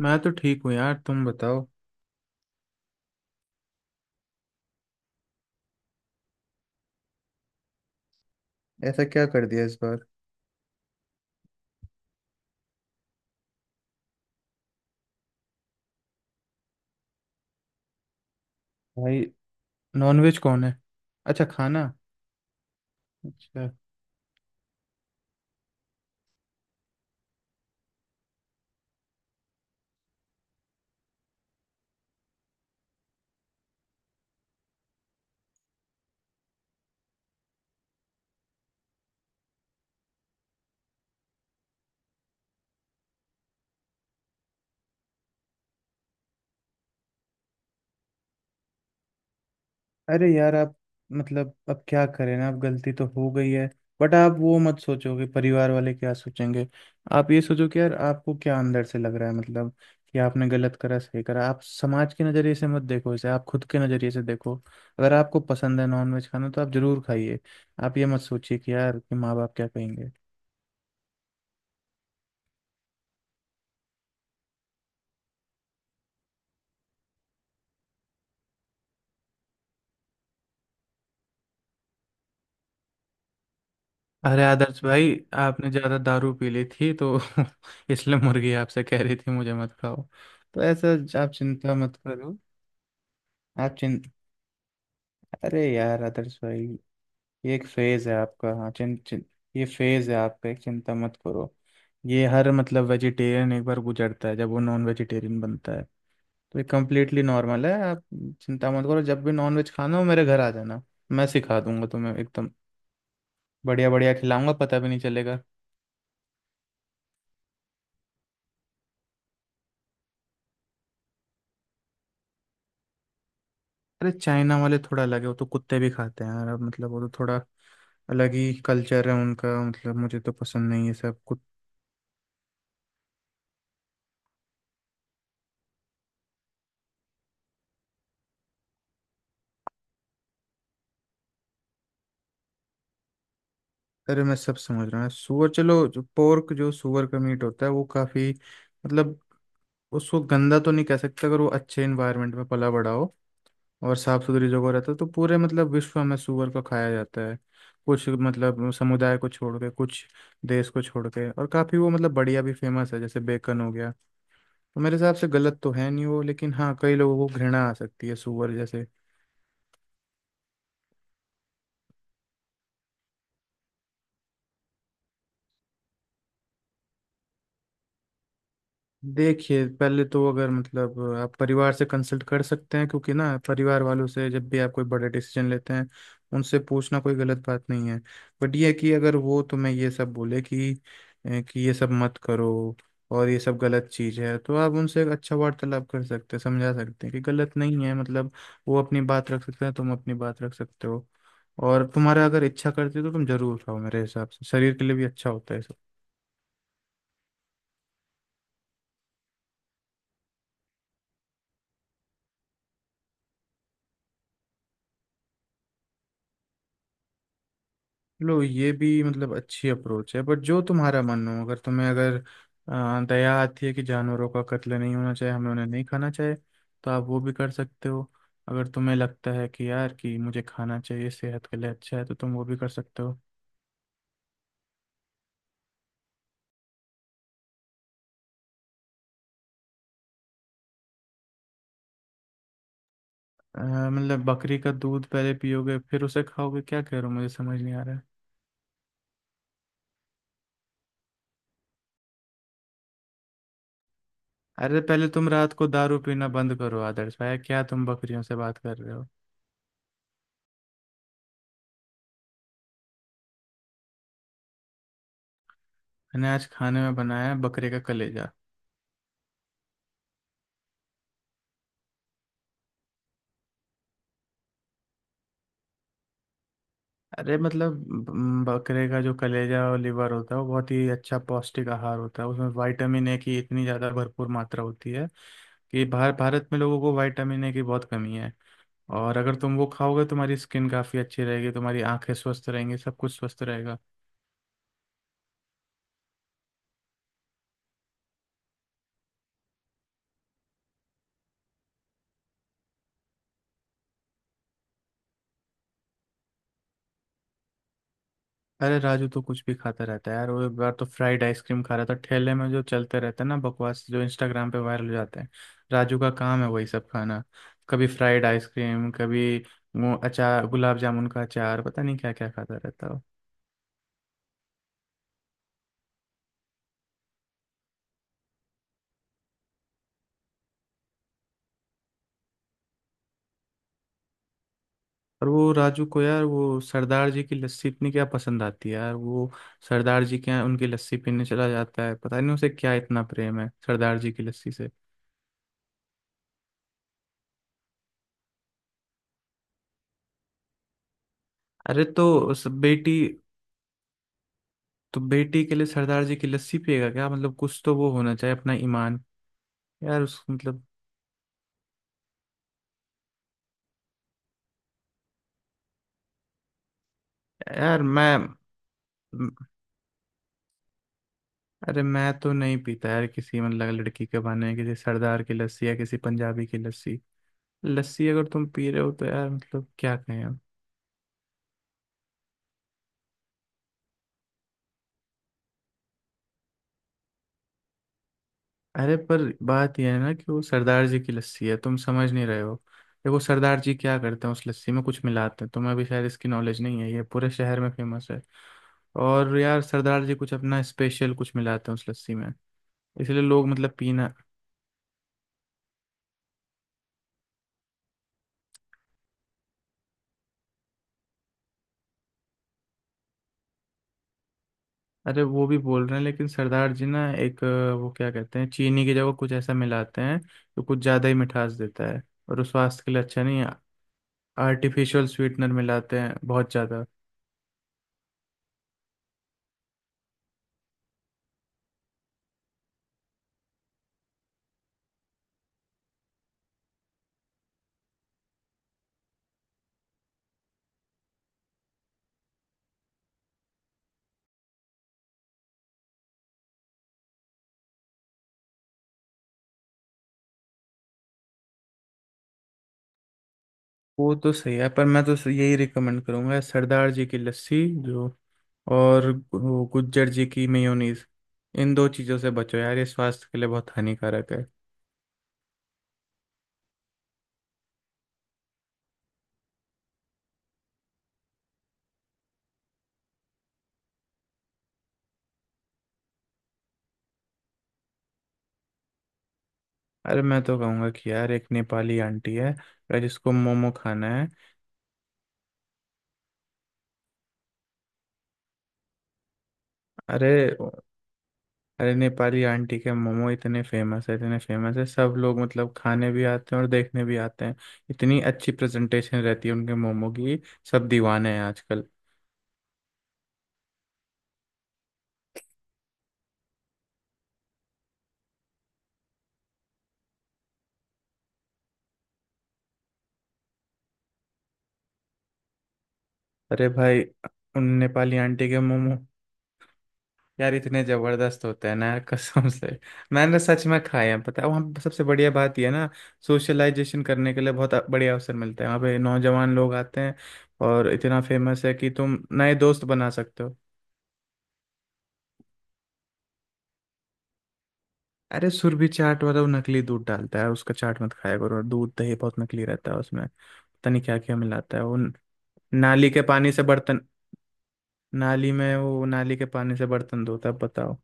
मैं तो ठीक हूँ यार, तुम बताओ। ऐसा क्या कर दिया इस बार? भाई, नॉनवेज कौन है? अच्छा, खाना। अच्छा। अरे यार, आप अब क्या करें ना, अब गलती तो हो गई है। बट आप वो मत सोचो कि परिवार वाले क्या सोचेंगे। आप ये सोचो कि यार आपको क्या अंदर से लग रहा है, कि आपने गलत करा सही करा। आप समाज के नज़रिए से मत देखो इसे, आप खुद के नज़रिए से देखो। अगर आपको पसंद है नॉनवेज खाना तो आप जरूर खाइए। आप ये मत सोचिए कि यार कि माँ बाप क्या कहेंगे। अरे आदर्श भाई, आपने ज़्यादा दारू पी ली थी तो इसलिए मुर्गी आपसे कह रही थी मुझे मत खाओ। तो ऐसा, आप चिंता मत करो। आप चिं अरे यार आदर्श भाई, ये एक फेज़ है आपका। हाँ, चिं, चिं, ये फेज़ है आपका एक, चिंता मत करो। ये हर वेजिटेरियन एक बार गुजरता है जब वो नॉन वेजिटेरियन बनता है। तो ये कम्प्लीटली नॉर्मल है। आप चिंता मत करो, जब भी नॉन वेज खाना हो मेरे घर आ जाना। मैं सिखा दूंगा तुम्हें एकदम बढ़िया बढ़िया खिलाऊंगा, पता भी नहीं चलेगा। अरे चाइना वाले थोड़ा अलग है, वो तो कुत्ते भी खाते हैं यार। अब वो तो थोड़ा अलग ही कल्चर है उनका, मतलब मुझे तो पसंद नहीं है सब कुछ। अरे मैं सब समझ रहा हूँ। सूअर, चलो जो पोर्क जो सूअर का मीट होता है वो काफ़ी मतलब उसको गंदा तो नहीं कह सकते, अगर वो अच्छे इन्वायरमेंट में पला बड़ा हो और साफ सुथरी जगह रहता है तो पूरे मतलब विश्व में सूअर को खाया जाता है। कुछ मतलब समुदाय को छोड़ के, कुछ देश को छोड़ के, और काफ़ी वो मतलब बढ़िया भी फेमस है जैसे बेकन हो गया। तो मेरे हिसाब से गलत तो है नहीं वो, लेकिन हाँ कई लोगों को घृणा आ सकती है सुअर जैसे। देखिए पहले तो अगर मतलब आप परिवार से कंसल्ट कर सकते हैं, क्योंकि ना परिवार वालों से जब भी आप कोई बड़े डिसीजन लेते हैं उनसे पूछना कोई गलत बात नहीं है। बट ये है कि अगर वो तुम्हें ये सब बोले कि कि ये सब मत करो और ये सब गलत चीज़ है, तो आप उनसे एक अच्छा वार्तालाप कर सकते हैं, समझा सकते हैं कि गलत नहीं है। मतलब, वो अपनी बात रख सकते हैं, तुम अपनी बात रख सकते हो। और तुम्हारा अगर इच्छा करती है तो तुम जरूर खाओ, मेरे हिसाब से शरीर के लिए भी अच्छा होता है। लो, ये भी मतलब अच्छी अप्रोच है। बट जो तुम्हारा मन हो, अगर तुम्हें अगर दया आती है कि जानवरों का कत्ल नहीं होना चाहिए, हमें उन्हें नहीं खाना चाहिए, तो आप वो भी कर सकते हो। अगर तुम्हें लगता है कि यार कि मुझे खाना चाहिए सेहत के लिए अच्छा है तो तुम वो भी कर सकते हो। अ, मतलब बकरी का दूध पहले पियोगे फिर उसे खाओगे? क्या कह रहे हो, मुझे समझ नहीं आ रहा है। अरे पहले तुम रात को दारू पीना बंद करो आदर्श भाई, क्या तुम बकरियों से बात कर रहे हो? मैंने आज खाने में बनाया है बकरे का कलेजा। अरे मतलब बकरे का जो कलेजा और लिवर होता है वो बहुत ही अच्छा पौष्टिक आहार होता है, उसमें विटामिन ए की इतनी ज़्यादा भरपूर मात्रा होती है कि भारत में लोगों को विटामिन ए की बहुत कमी है। और अगर तुम वो खाओगे, तुम्हारी स्किन काफ़ी अच्छी रहेगी, तुम्हारी आंखें स्वस्थ रहेंगी, सब कुछ स्वस्थ रहेगा। अरे राजू तो कुछ भी खाता रहता है यार। वो एक बार तो फ्राइड आइसक्रीम खा रहा था, ठेले में जो चलते रहते हैं ना बकवास, जो इंस्टाग्राम पे वायरल हो जाते हैं। राजू का काम है वही सब खाना। कभी फ्राइड आइसक्रीम, कभी वो अचार, गुलाब जामुन का अचार, पता नहीं क्या क्या खाता रहता है वो। और वो राजू को यार वो सरदार जी की लस्सी इतनी क्या पसंद आती है यार, वो सरदार जी के यहाँ उनकी लस्सी पीने चला जाता है। पता नहीं उसे क्या इतना प्रेम है सरदार जी की लस्सी से। अरे तो उस बेटी, तो बेटी के लिए सरदार जी की लस्सी पिएगा क्या? मतलब कुछ तो वो होना चाहिए अपना ईमान। यार उस मतलब यार मैं म- अरे मैं तो नहीं पीता यार किसी मतलब लड़की के बहाने किसी सरदार की लस्सी या किसी पंजाबी की लस्सी। लस्सी अगर तुम पी रहे हो तो यार मतलब क्या कहें हम। अरे पर बात यह है ना कि वो सरदार जी की लस्सी है, तुम समझ नहीं रहे हो। देखो सरदार जी क्या करते हैं उस लस्सी में कुछ मिलाते हैं, तुम्हें भी शायद इसकी नॉलेज नहीं है, ये पूरे शहर में फेमस है। और यार सरदार जी कुछ अपना स्पेशल कुछ मिलाते हैं उस लस्सी में, इसलिए लोग मतलब पीना। अरे वो भी बोल रहे हैं, लेकिन सरदार जी ना एक वो क्या कहते हैं, चीनी की जगह कुछ ऐसा मिलाते हैं जो कुछ ज़्यादा ही मिठास देता है, और वो स्वास्थ्य के लिए अच्छा नहीं है। आर्टिफिशियल स्वीटनर मिलाते हैं बहुत ज़्यादा। वो तो सही है, पर मैं तो यही रिकमेंड करूंगा सरदार जी की लस्सी जो, और वो गुज्जर जी की मेयोनीज, इन दो चीज़ों से बचो यार, ये स्वास्थ्य के लिए बहुत हानिकारक है। अरे मैं तो कहूँगा कि यार एक नेपाली आंटी है अगर जिसको मोमो खाना है। अरे, अरे नेपाली आंटी के मोमो इतने फेमस है, इतने फेमस है, सब लोग मतलब खाने भी आते हैं और देखने भी आते हैं। इतनी अच्छी प्रेजेंटेशन रहती है उनके मोमो की, सब दीवाने हैं आजकल। अरे भाई उन नेपाली आंटी के मोमो यार इतने जबरदस्त होते हैं ना यार, कसम से मैंने सच में खाए हैं। पता है वहाँ पे सबसे बढ़िया बात यह है ना, सोशलाइजेशन करने के लिए बहुत बढ़िया अवसर मिलता है, वहाँ पे नौजवान लोग आते हैं और इतना फेमस है कि तुम नए दोस्त बना सकते हो। अरे सुरभि चाट वाला वो नकली दूध डालता है, उसका चाट मत खाया करो। और दूध दही बहुत नकली रहता है, उसमें पता नहीं क्या क्या मिलाता है वो। नाली के पानी से बर्तन, नाली में, वो नाली के पानी से बर्तन धोता है, बताओ।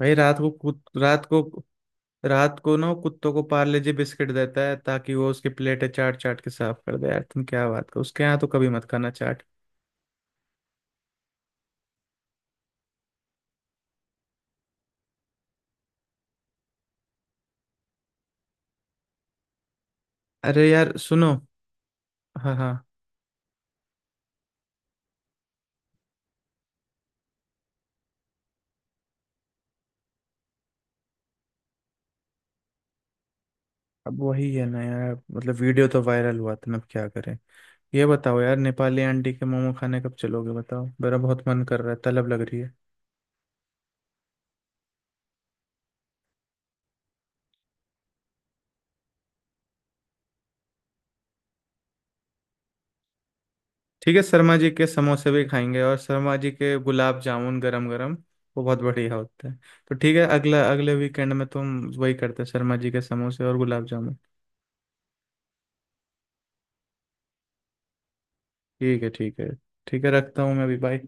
भाई रात को रात को ना वो कुत्तों को पार्ले जी बिस्किट देता है ताकि वो उसकी प्लेटें चाट चाट के साफ कर दे। यार तुम क्या बात करो, उसके यहाँ तो कभी मत खाना चाट। अरे यार सुनो। हाँ हाँ। अब वही है ना यार, मतलब वीडियो तो वायरल हुआ था ना, अब क्या करें। ये बताओ यार, नेपाली आंटी के मोमो खाने कब चलोगे बताओ, मेरा बहुत मन कर रहा है, तलब लग रही है। ठीक है, शर्मा जी के समोसे भी खाएंगे और शर्मा जी के गुलाब जामुन गरम गरम, वो बहुत बढ़िया होता है। तो ठीक है, अगला अगले वीकेंड में तुम वही करते हैं, शर्मा जी के समोसे और गुलाब जामुन। ठीक है, ठीक है। ठीक है, रखता हूँ मैं अभी, बाय।